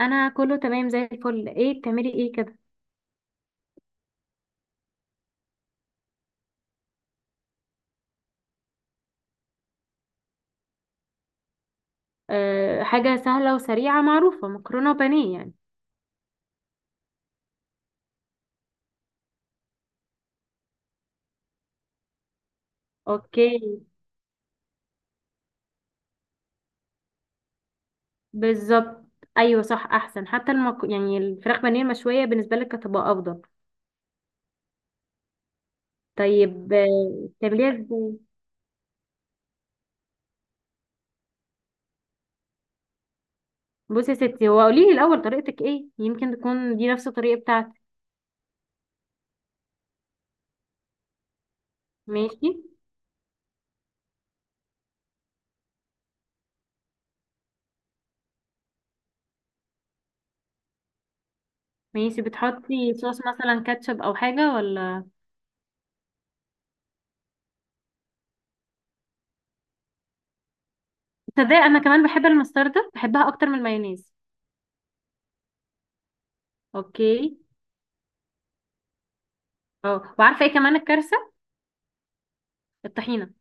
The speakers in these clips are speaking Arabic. انا كله تمام زي الفل. ايه بتعملي ايه كده؟ أه، حاجه سهله وسريعه معروفه مكرونه وبانيه يعني. اوكي. بالظبط. ايوه، صح، احسن حتى يعني الفراخ بانيه المشويه بالنسبه لك هتبقى افضل. طيب، بتعمليها ازاي؟ بصي يا ستي، هو قولي لي الاول طريقتك ايه، يمكن تكون دي نفس الطريقه بتاعتي. ماشي. ماشي، بتحطي صوص مثلا كاتشب او حاجه ولا؟ تصدقي انا كمان بحب المستردة، بحبها اكتر من المايونيز. اوكي. اه، وعارفه ايه كمان الكارثه؟ الطحينه.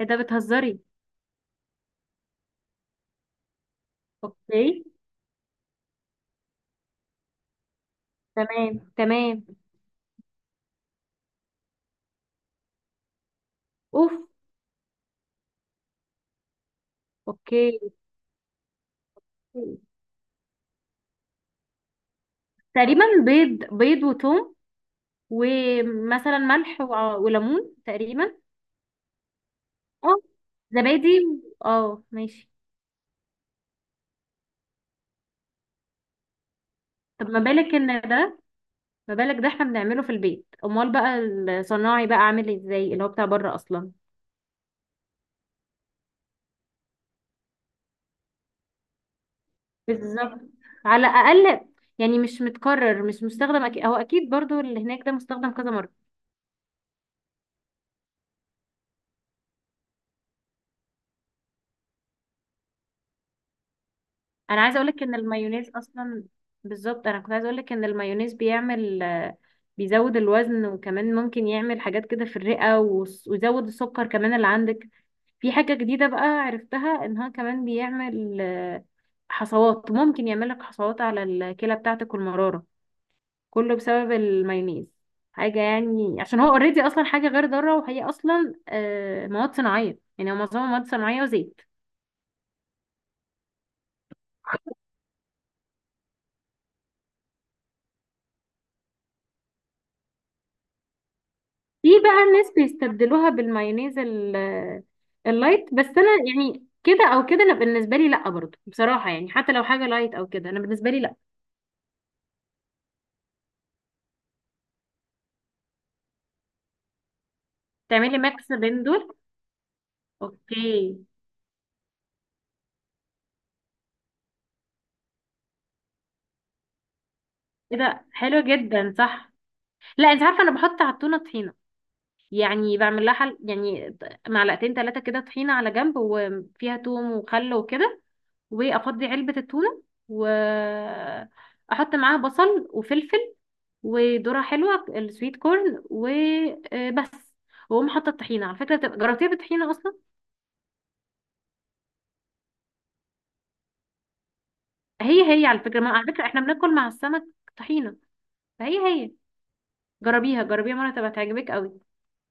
ايه ده، بتهزري؟ اوكي، تمام تمام. اوف. اوكي. تقريبا بيض بيض وتوم، ومثلا ملح وليمون تقريبا. اه، زبادي اه، ماشي. طب ما بالك ده، احنا بنعمله في البيت امال بقى. الصناعي بقى عامل ازاي اللي هو بتاع بره اصلا؟ بالظبط. على الاقل. يعني مش متكرر، مش مستخدم أكيد، هو اكيد برضو اللي هناك ده مستخدم كذا مرة. انا عايزه اقولك ان المايونيز اصلا. بالظبط، انا كنت عايزه اقولك ان المايونيز بيعمل، بيزود الوزن وكمان ممكن يعمل حاجات كده في الرئه ويزود السكر كمان اللي عندك. في حاجه جديده بقى عرفتها ان هو كمان بيعمل، حصوات، ممكن يعمل لك حصوات على الكلى بتاعتك والمراره. كله بسبب المايونيز. حاجه يعني عشان هو اوريدي اصلا حاجه غير ضاره، وهي اصلا مواد صناعيه، يعني هو معظمها مواد صناعيه وزيت. في بقى الناس بيستبدلوها بالمايونيز اللايت. بس انا يعني كده او كده انا بالنسبه لي لا، برضو بصراحه يعني حتى لو حاجه لايت او كده، انا بالنسبه لي لا. تعملي ميكس بين دول؟ اوكي. كده حلو جدا، صح. لا، انت عارفه انا بحط على التونه طحينه. يعني بعمل لها حل يعني. معلقتين ثلاثه كده طحينه على جنب، وفيها توم وخل وكده. وافضي علبة التونة. واحط معاها بصل وفلفل. وذرة حلوة، السويت كورن وبس. واقوم حاطة الطحينة. على فكرة جربتيها بالطحينة اصلا؟ هي هي على فكرة. ما على فكرة احنا بناكل مع السمك. طحينة. فهي هي. جربيها جربيها مرة تبقى تعجبك قوي.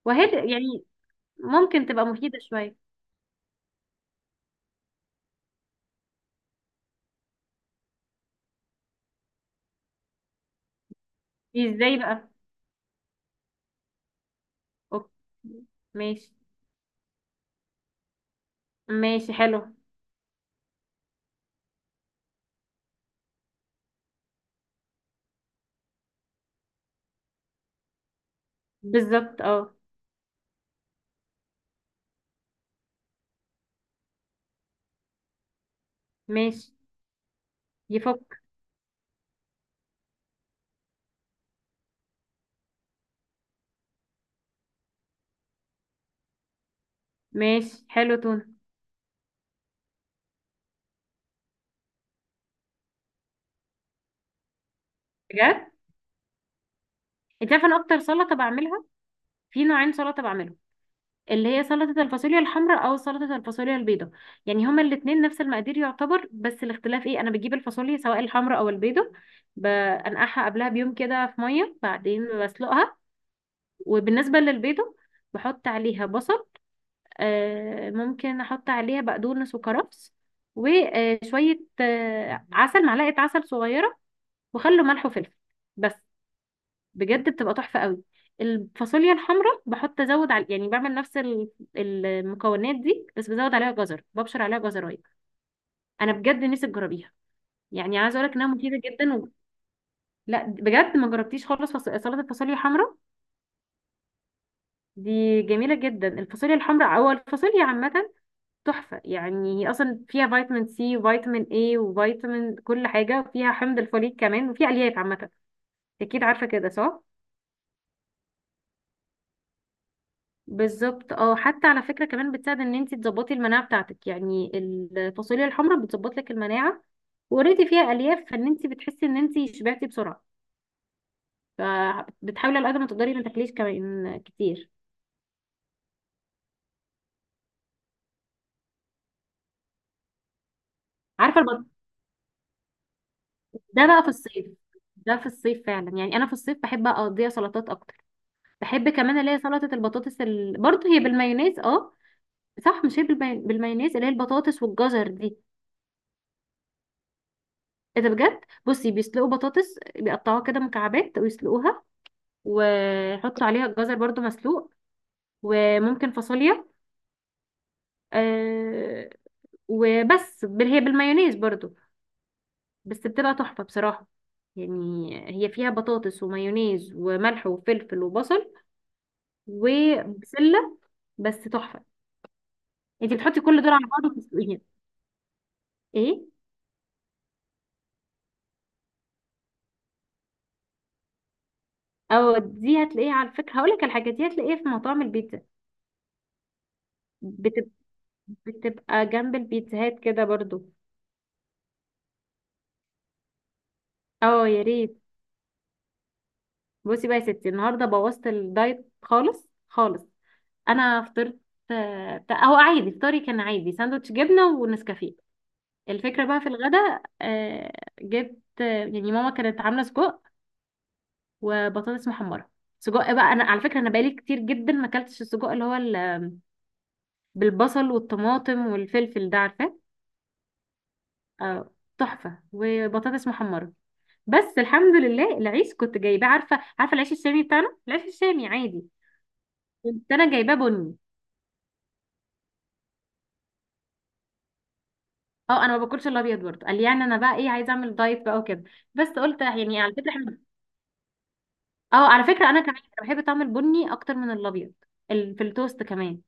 وهي يعني. ممكن تبقى مفيدة شوية. ازاي بقى؟ اوكي. ماشي. ماشي حلو. بالظبط، اه. ماشي. يفك. ماشي حلو، تونة. بجد. انت عارفه انا اكتر سلطه بعملها. في نوعين سلطه بعملهم. اللي هي سلطه الفاصوليا الحمراء او سلطه الفاصوليا البيضاء. يعني هما الاثنين نفس المقادير يعتبر، بس الاختلاف ايه، انا بجيب الفاصوليا سواء الحمراء او البيضاء. بنقعها قبلها بيوم كده في ميه، بعدين بسلقها. وبالنسبه للبيضاء. بحط عليها بصل. ممكن احط عليها بقدونس وكرفس. وشويه عسل، معلقه عسل صغيره. وخل وملح وفلفل. بس. بجد بتبقى تحفة قوي. الفاصوليا الحمراء بحط ازود على يعني بعمل نفس المكونات دي، بس بزود عليها جزر، ببشر عليها جزرايه. انا بجد نفسي تجربيها. يعني عايزه اقول لك انها مفيده جدا. و... لا بجد، ما جربتيش خالص سلطه الفاصوليا الحمراء. دي جميله جدا، الفاصوليا الحمراء او الفاصوليا عامه. تحفه يعني، هي اصلا فيها فيتامين سي وفيتامين اي وفيتامين كل حاجه، وفيها حمض الفوليك كمان، وفيها الياف عامه. اكيد عارفه كده، صح. بالظبط اه، حتى على فكرة كمان بتساعد ان انت تظبطي المناعة بتاعتك، يعني الفاصوليا الحمراء بتظبط لك المناعة. وريتي فيها الياف، فان انت بتحسي ان انت شبعتي بسرعة. فبتحاولي على قد ما تقدري ما تاكليش كمان كتير. عارفة ده بقى في الصيف. ده في الصيف فعلا، يعني انا في الصيف بحب اقضيها سلطات اكتر. بحب كمان اللي هي سلطة البطاطس برضه هي بالمايونيز، اه. صح، مش هي بالمايونيز اللي هي البطاطس والجزر دي. ايه ده، بجد؟ بصي، بيسلقوا بطاطس، بيقطعوها كده مكعبات ويسلقوها. وحط عليها الجزر برضو مسلوق. وممكن فاصوليا. آه. وبس هي بالمايونيز برضو. بس بتبقى تحفة بصراحة. يعني هي فيها بطاطس ومايونيز وملح وفلفل وبصل. وبسلة. بس تحفة. انت بتحطي كل دول على بعض وتسلقيها. ايه. او دي هتلاقيها على فكرة، هقولك على حاجة، دي هتلاقيها في مطاعم البيتزا. بتب- بتبقى جنب البيتزاهات كده برضو. اه، يا ريت. بصي بقى يا ستي، النهارده بوظت الدايت خالص خالص. انا فطرت. بتاع هو عادي، فطاري كان عادي ساندوتش جبنه ونسكافيه. الفكره بقى في الغداء، جبت، يعني ماما كانت عامله سجق. وبطاطس محمره. سجق بقى، انا على فكره انا بقالي كتير جدا ما اكلتش السجق اللي هو بالبصل والطماطم والفلفل ده، عارفاه؟ آه، تحفه وبطاطس محمره. بس الحمد لله العيش كنت جايباه، عارفه عارفه العيش الشامي بتاعنا، العيش الشامي عادي. كنت انا جايباه بني. اه، انا ما باكلش الابيض برضه، قال لي يعني انا بقى ايه، عايزه اعمل دايت بقى وكده. بس قلت يعني على فكره احنا. اه، على فكره انا كمان بحب طعم البني اكتر من الابيض. في التوست كمان.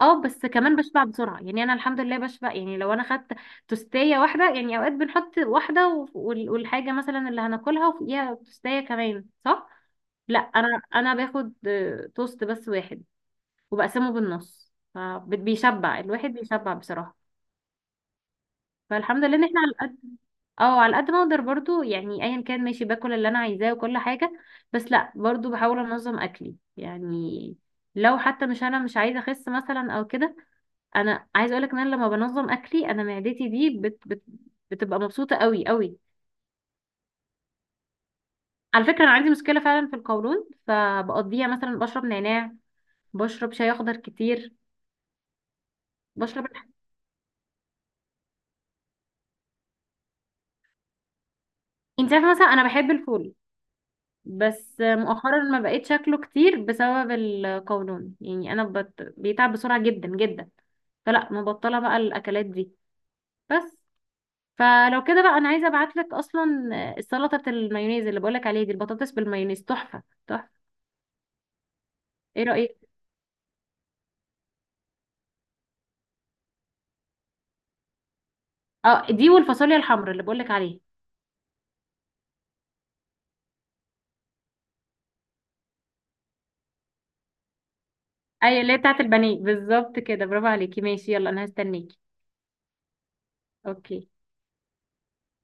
اه، بس كمان بشبع بسرعه، يعني انا الحمد لله بشبع يعني لو انا خدت توستيه واحده، يعني اوقات بنحط واحده والحاجه مثلا اللي هناكلها وفوقيها توستيه كمان، صح. لا، انا باخد توست بس واحد. وبقسمه بالنص، فبيشبع الواحد بيشبع بصراحه. فالحمد لله ان احنا على قد. اه، على قد ما اقدر برضو يعني، ايا كان، ماشي باكل اللي انا عايزاه وكل حاجه. بس لا، برضو بحاول انظم اكلي يعني. لو حتى مش، انا مش عايزه اخس مثلا او كده. انا عايزه اقولك ان انا لما بنظم اكلي انا معدتي دي بت بت بتبقى مبسوطه قوي قوي. على فكره انا عندي مشكله فعلا في القولون، فبقضيها مثلا بشرب نعناع. بشرب شاي اخضر كتير. بشرب الح- انت عارفه مثلا انا بحب الفول. بس مؤخرا ما بقيت شكله كتير بسبب القولون، يعني انا بيتعب بسرعه جدا جدا. فلا، مبطله بقى الاكلات دي. بس. فلو كده بقى انا عايزه ابعت لك اصلا السلطه بتاع المايونيز اللي بقولك عليها دي، البطاطس بالمايونيز تحفه تحفه. ايه رايك؟ اه، دي والفاصوليا الحمراء اللي بقولك عليها. اي، اللي هي بتاعه البانيه بالظبط كده، برافو عليكي. ماشي، يلا، انا هستنيكي. اوكي.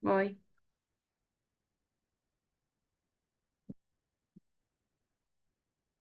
باي.